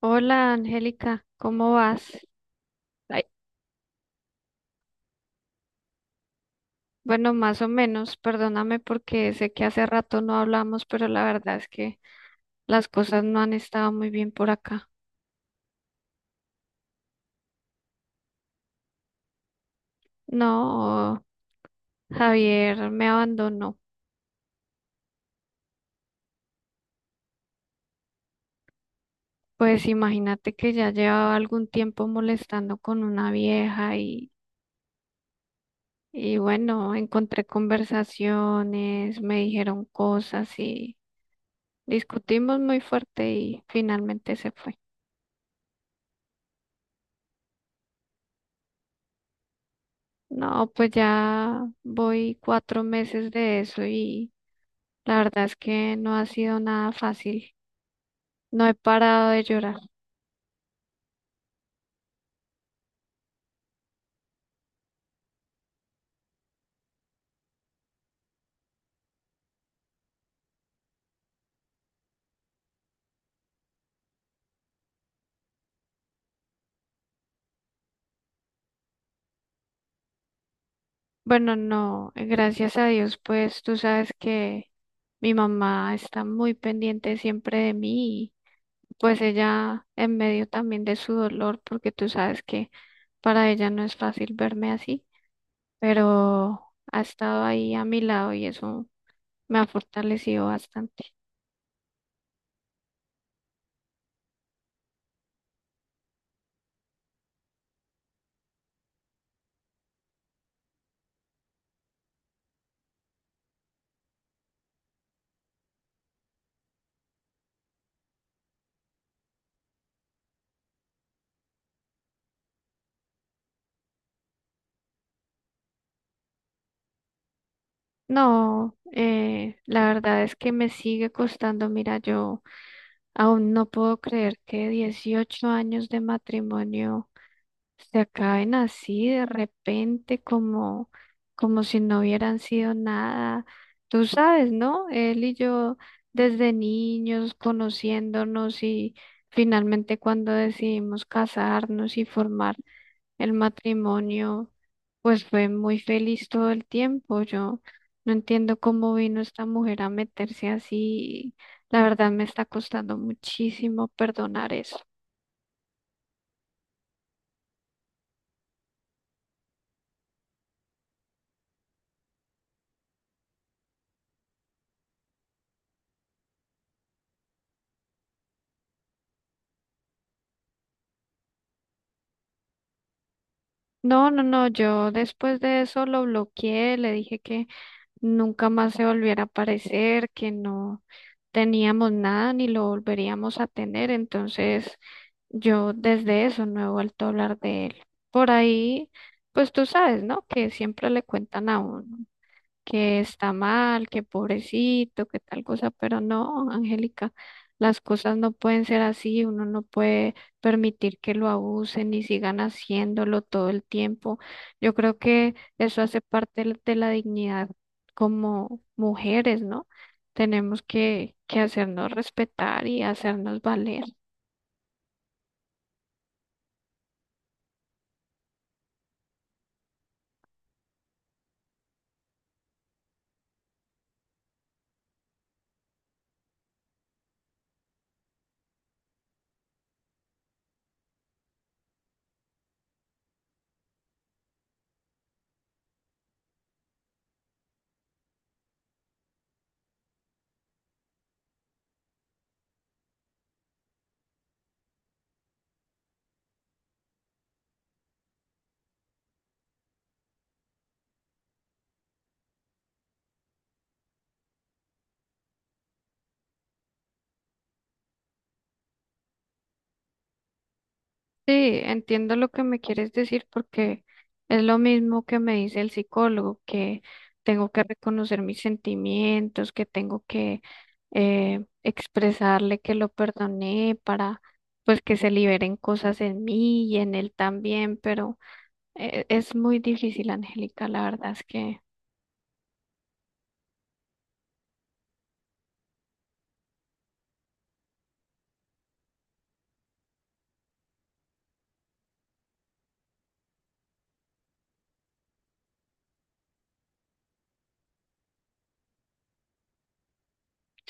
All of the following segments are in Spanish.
Hola Angélica, ¿cómo vas? Ay, bueno, más o menos, perdóname porque sé que hace rato no hablamos, pero la verdad es que las cosas no han estado muy bien por acá. No, Javier me abandonó. Pues imagínate que ya llevaba algún tiempo molestando con una vieja y bueno, encontré conversaciones, me dijeron cosas y discutimos muy fuerte y finalmente se fue. No, pues ya voy 4 meses de eso y la verdad es que no ha sido nada fácil. No he parado de llorar. Bueno, no, gracias a Dios, pues tú sabes que mi mamá está muy pendiente siempre de mí y pues ella en medio también de su dolor, porque tú sabes que para ella no es fácil verme así, pero ha estado ahí a mi lado y eso me ha fortalecido bastante. No, la verdad es que me sigue costando. Mira, yo aún no puedo creer que 18 años de matrimonio se acaben así de repente, como si no hubieran sido nada. Tú sabes, ¿no? Él y yo desde niños conociéndonos y finalmente cuando decidimos casarnos y formar el matrimonio, pues fue muy feliz todo el tiempo. Yo no entiendo cómo vino esta mujer a meterse así. La verdad me está costando muchísimo perdonar eso. No, no, no, yo después de eso lo bloqueé, le dije que nunca más se volviera a aparecer, que no teníamos nada ni lo volveríamos a tener. Entonces, yo desde eso no he vuelto a hablar de él. Por ahí, pues tú sabes, ¿no? Que siempre le cuentan a uno, que está mal, que pobrecito, que tal cosa, pero no, Angélica, las cosas no pueden ser así, uno no puede permitir que lo abusen y sigan haciéndolo todo el tiempo. Yo creo que eso hace parte de la dignidad como mujeres, ¿no? Tenemos que hacernos respetar y hacernos valer. Sí, entiendo lo que me quieres decir porque es lo mismo que me dice el psicólogo, que tengo que reconocer mis sentimientos, que tengo que expresarle que lo perdoné para pues que se liberen cosas en mí y en él también, pero es muy difícil, Angélica, la verdad es que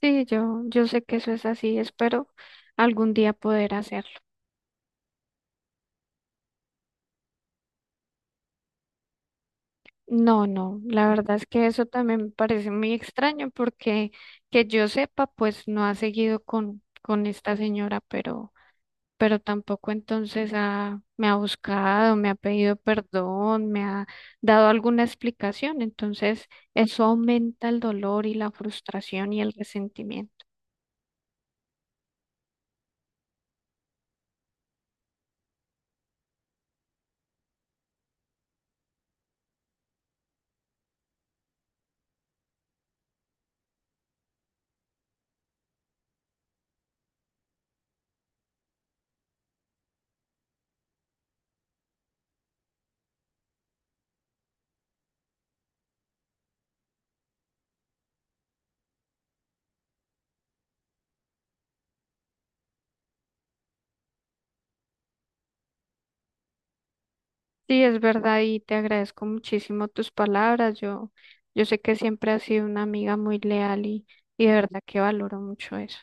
sí, yo sé que eso es así, espero algún día poder hacerlo. No, no, la verdad es que eso también me parece muy extraño porque que yo sepa, pues no ha seguido con esta señora, pero tampoco entonces me ha buscado, me ha pedido perdón, me ha dado alguna explicación. Entonces, eso aumenta el dolor y la frustración y el resentimiento. Sí, es verdad y te agradezco muchísimo tus palabras. Yo sé que siempre has sido una amiga muy leal y de verdad que valoro mucho eso.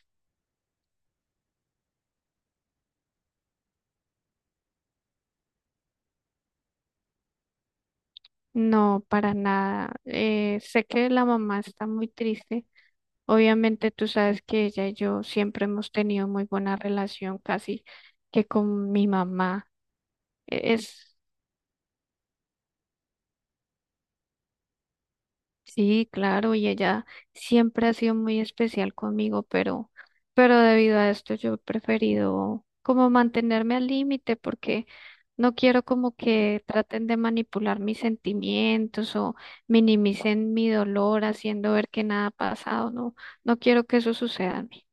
No, para nada. Sé que la mamá está muy triste. Obviamente tú sabes que ella y yo siempre hemos tenido muy buena relación, casi que con mi mamá. E- Es Sí, claro, y ella siempre ha sido muy especial conmigo, pero debido a esto yo he preferido como mantenerme al límite porque no quiero como que traten de manipular mis sentimientos o minimicen mi dolor haciendo ver que nada ha pasado, no, no quiero que eso suceda a mí.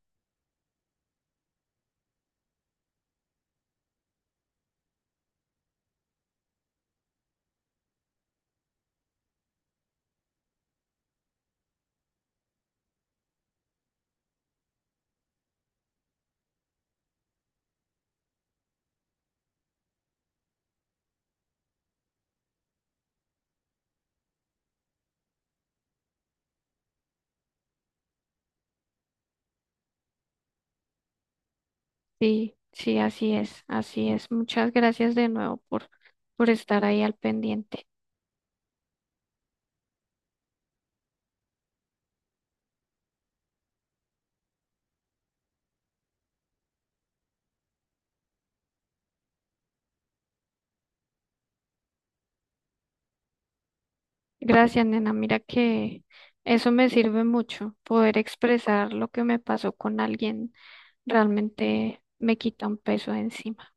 Sí, sí, así es, así es. Muchas gracias de nuevo por estar ahí al pendiente. Gracias, nena. Mira que eso me sirve mucho. Poder expresar lo que me pasó con alguien realmente me quita un peso de encima.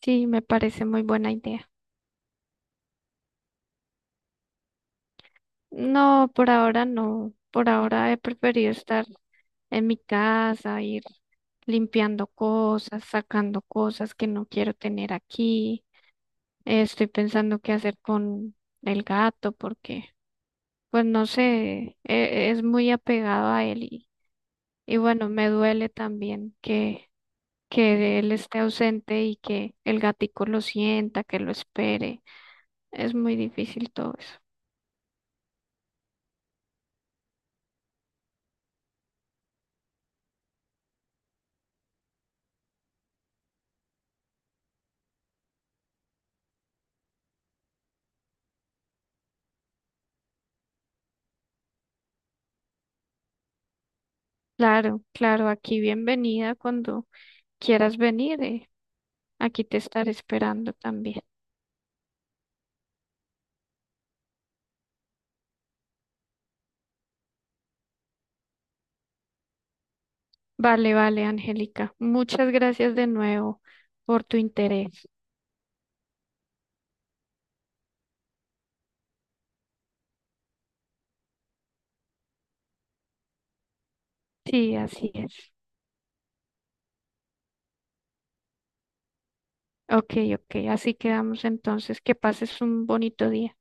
Sí, me parece muy buena idea. No, por ahora no. Por ahora he preferido estar en mi casa, ir limpiando cosas, sacando cosas que no quiero tener aquí. Estoy pensando qué hacer con el gato porque, pues no sé, es muy apegado a él y bueno, me duele también que él esté ausente y que el gatico lo sienta, que lo espere. Es muy difícil todo eso. Claro, claro, aquí bienvenida cuando quieras venir. Aquí te estaré esperando también. Vale, vale, Angélica. Muchas gracias de nuevo por tu interés. Sí, así es. Ok, ok. Así quedamos entonces. Que pases un bonito día.